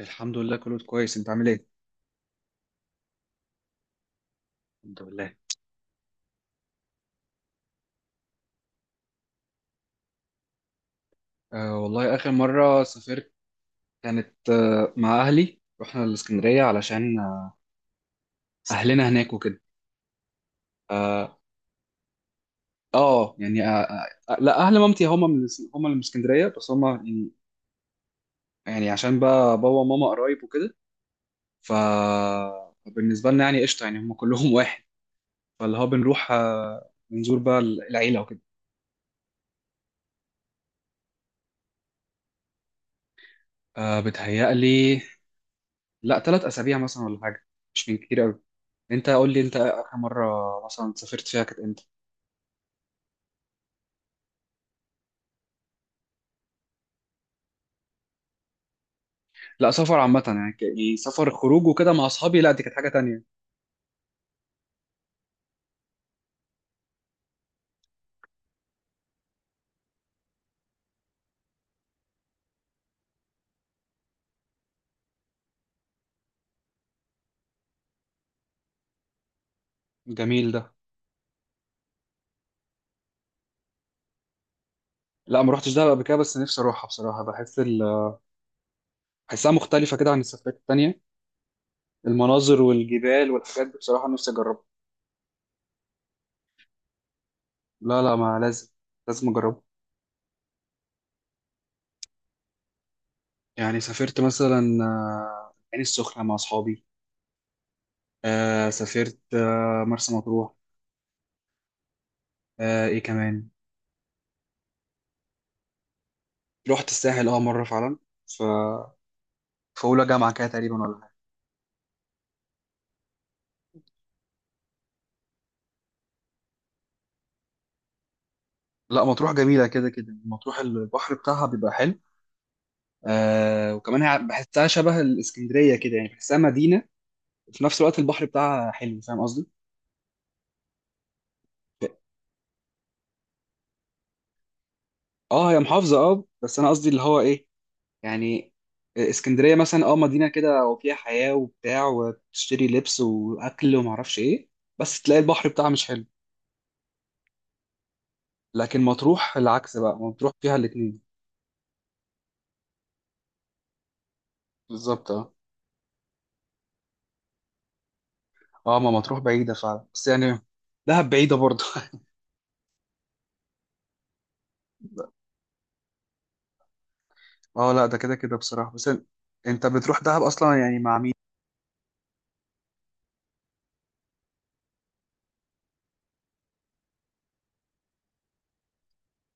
الحمد لله، كله كويس، انت عامل ايه؟ الحمد لله. آه والله، اخر مره سافرت كانت مع اهلي، رحنا الاسكندريه علشان اهلنا هناك وكده. اه، يعني لا اهل مامتي هم من هم اللي من اسكندريه، بس هم يعني عشان بقى بابا وماما قرايب وكده. ف- فبالنسبه لنا يعني قشطه، يعني هم كلهم واحد، فاللي هو بنروح بنزور بقى العيله وكده. آه، بتهيألي. لا، 3 اسابيع مثلا ولا حاجه، مش من كتير قوي. انت قول لي، انت اخر مره مثلا سافرت فيها كانت امتى؟ لا، سفر عامه، يعني يعني سفر خروج وكده مع اصحابي، لا دي كانت حاجه تانية. جميل ده. لا، ما روحتش دهب قبل كده، بس نفسي اروحها بصراحه، بحسها مختلفه كده عن السفرات التانية. المناظر والجبال والحاجات دي بصراحه نفسي اجربها. لا، لا، ما لازم. لازم اجربها. يعني سافرت مثلا، العين السخنه مع اصحابي. سافرت مرسى مطروح. ايه كمان؟ رحت الساحل، مره فعلا في اولى جامعه كده تقريبا ولا حاجه. لا، مطروح جميله كده كده، مطروح البحر بتاعها بيبقى حلو. وكمان هي بحسها شبه الاسكندريه كده، يعني بحسها مدينه. في نفس الوقت البحر بتاعها حلو، فاهم قصدي؟ اه، هي محافظه، بس انا قصدي اللي هو ايه، يعني. اسكندريه مثلا مدينه كده وفيها حياه وبتاع، وتشتري لبس واكل ومعرفش ايه. بس تلاقي البحر بتاعها مش حلو. لكن مطروح العكس، بقى مطروح فيها الاتنين. بالظبط، اه. اه، ما مطروح بعيده فعلا، بس يعني دهب بعيده برضه اه، لا ده كده كده بصراحة، بس انت بتروح دهب اصلا يعني مع مين؟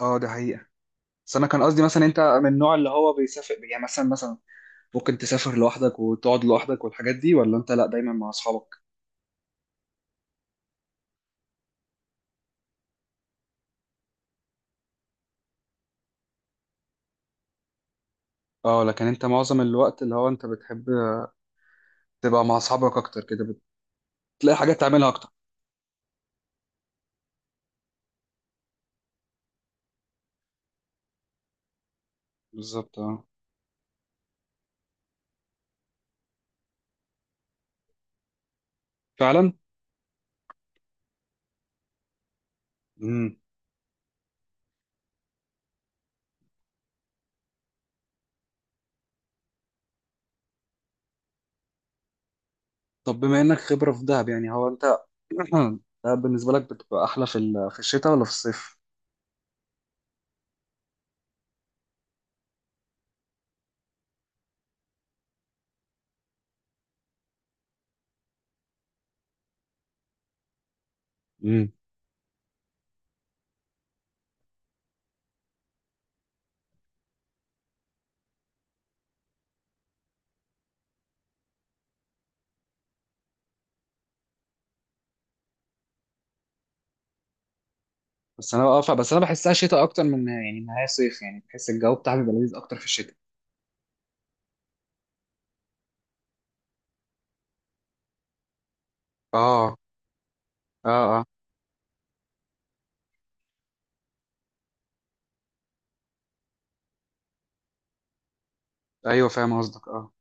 اه، ده حقيقة. بس انا كان قصدي مثلا، انت من النوع اللي هو بيسافر، يعني مثلا ممكن تسافر لوحدك وتقعد لوحدك والحاجات دي، ولا انت لا دايما مع اصحابك؟ اه، لكن انت معظم الوقت اللي هو انت بتحب تبقى مع اصحابك اكتر كده. بتلاقي حاجات تعملها اكتر. بالظبط، اه. فعلا. امم. طب بما انك خبرة في دهب يعني هو انت دهب بالنسبة لك بتبقى احلى في الشتاء ولا في الصيف؟ بس انا بحسها شتاء اكتر من، يعني ان هي صيف، يعني بحس الجو بتاعها بيبقى لذيذ اكتر في الشتاء. اه، اه، اه، ايوه، فاهم قصدك، اه.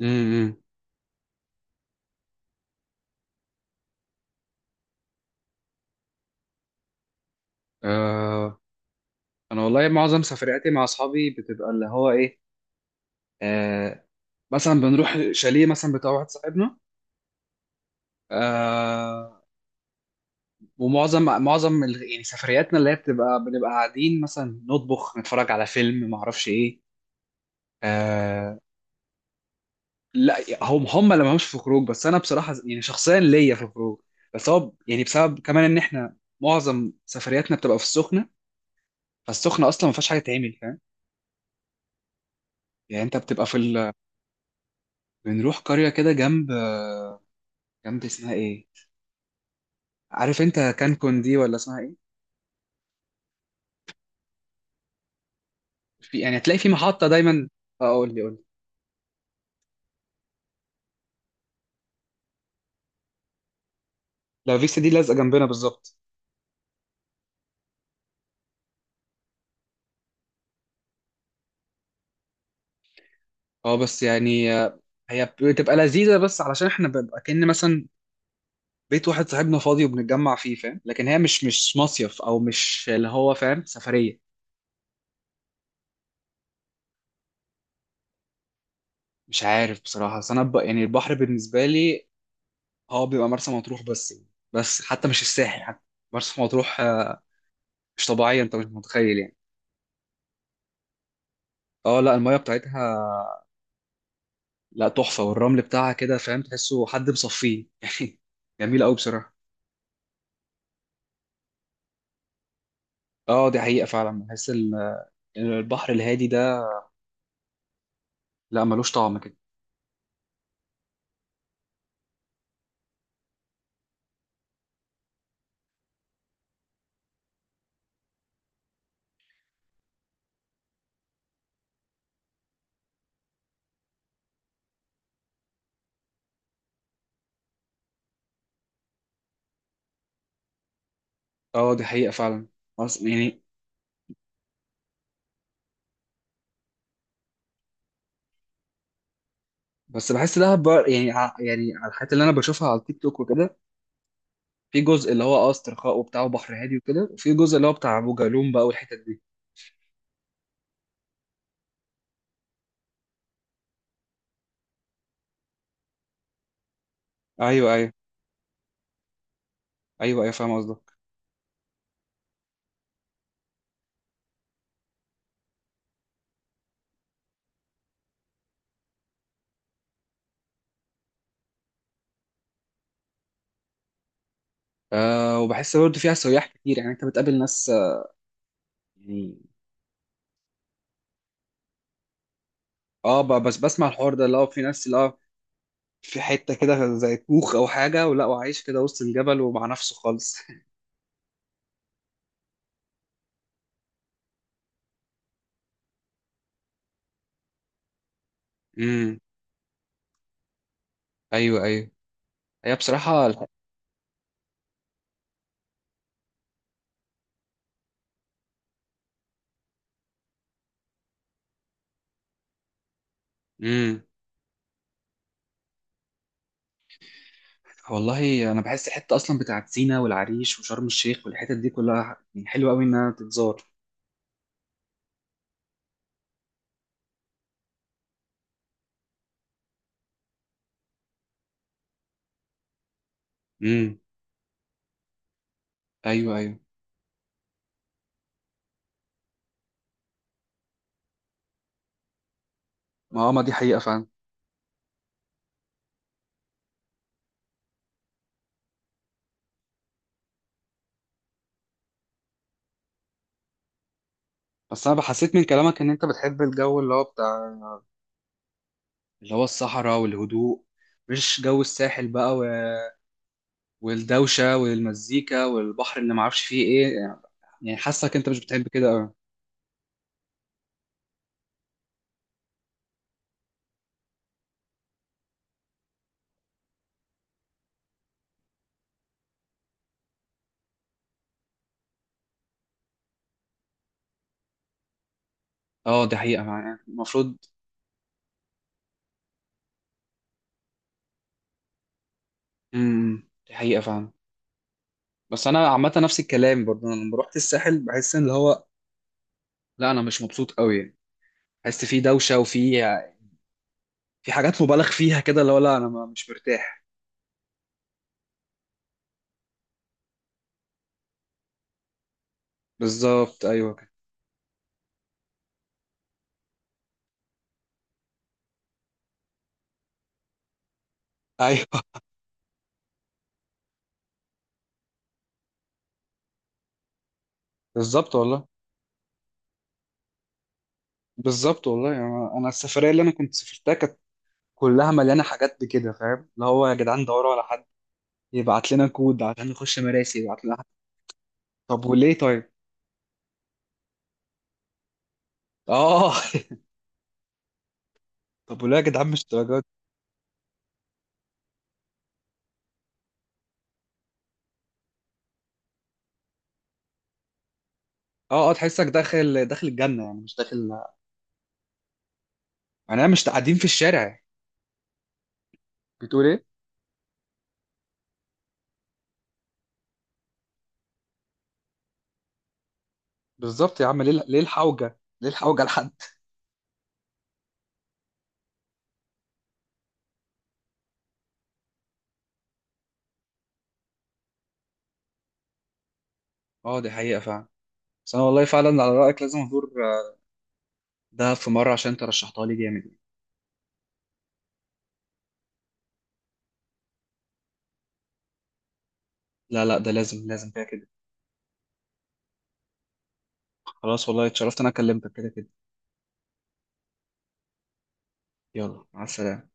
امم. آه. انا والله معظم سفرياتي مع اصحابي بتبقى اللي هو ايه. آه. مثلا بنروح شاليه مثلا بتاع واحد صاحبنا. آه. ومعظم معظم يعني سفرياتنا اللي هي بتبقى بنبقى قاعدين مثلا نطبخ، نتفرج على فيلم، ما اعرفش ايه. آه. لا، هم اللي مالهمش في خروج، بس انا بصراحه يعني شخصيا ليا في الخروج. بس هو يعني بسبب كمان ان احنا معظم سفرياتنا بتبقى في السخنه. فالسخنه اصلا ما فيهاش حاجه تعمل، فاهم. يعني انت بتبقى بنروح قريه كده جنب اسمها ايه؟ عارف انت كانكون دي ولا اسمها ايه؟ في يعني هتلاقي في محطه دايما. اه، قول لي، قول لي. لا فيستا دي لازقه جنبنا بالظبط. اه، بس يعني هي بتبقى لذيذه، بس علشان احنا بنبقى كأن مثلا بيت واحد صاحبنا فاضي وبنتجمع فيه، فاهم؟ لكن هي مش مصيف، او مش اللي هو فاهم، سفريه. مش عارف بصراحه، بس انا يعني البحر بالنسبه لي هو بيبقى مرسى مطروح، بس يعني. بس حتى مش الساحل، حتى مرسى مطروح مش طبيعيه، انت مش متخيل يعني. اه، لا، الميه بتاعتها، لا تحفه، والرمل بتاعها كده، فاهم؟ تحسه حد مصفيه يعني. جميل قوي بصراحه. اه، دي حقيقه فعلا. بحس البحر الهادي ده، لا ملوش طعم كده. اه، دي حقيقه فعلا. يعني بس بحس دهب بقى، يعني يعني على الحاجات اللي انا بشوفها على التيك توك وكده. في جزء اللي هو استرخاء وبتاع وبحر هادي وكده، وفي جزء اللي هو بتاع ابو جالوم بقى والحتت دي. ايوه، ايوه. ايوه، ايوه، فاهم قصدك. آه، وبحس برضه فيها سياح كتير، يعني انت بتقابل ناس يعني. اه، بس بسمع الحوار ده، اللي هو في ناس اللي هو في حته كده، زي كوخ او حاجه، ولا وعايش كده وسط الجبل ومع نفسه خالص امم، ايوه، ايوه. هي بصراحه. امم. والله، انا بحس الحته اصلا بتاعت سينا والعريش وشرم الشيخ والحتت دي كلها، يعني حلوه قوي انها تتزار. امم، ايوه، ايوه. ما دي حقيقه فعلا. بس انا بحسيت من كلامك ان انت بتحب الجو اللي هو بتاع، اللي هو الصحراء والهدوء، مش جو الساحل بقى والدوشه والمزيكا والبحر اللي معرفش فيه ايه. يعني حاسك انت مش بتحب كده قوي. اه، دي حقيقه يعني المفروض. امم، دي حقيقه فعلا. بس انا عامه نفس الكلام برضه. أنا لما رحت الساحل بحس ان اللي هو، لا انا مش مبسوط قوي. حس فيه دوشه، وفي في حاجات مبالغ فيها كده، اللي هو لا انا مش مرتاح. بالظبط، ايوه، كده. ايوه بالظبط والله. بالظبط والله يعني. انا السفريه اللي انا كنت سافرتها كانت كلها مليانه حاجات بكده، فاهم؟ اللي هو يا جدعان دوروا على حد يبعت لنا كود عشان نخش مراسي، يبعت لنا حد. طب وليه طيب؟ اه طب وليه يا جدعان مش درجات؟ اه، اه، تحسك داخل داخل الجنه يعني، مش داخل. يعني مش قاعدين في الشارع. بتقول ايه؟ بالظبط يا عم، ليه ليه الحوجه؟ ليه الحوجه لحد؟ اه، دي حقيقه فعلا. بس انا والله فعلا على رايك، لازم ازور دهب في مره عشان انت رشحتها لي جامد. لا، لا، ده لازم، لازم كده كده. خلاص والله، اتشرفت إن انا كلمتك كده كده. يلا، مع السلامه.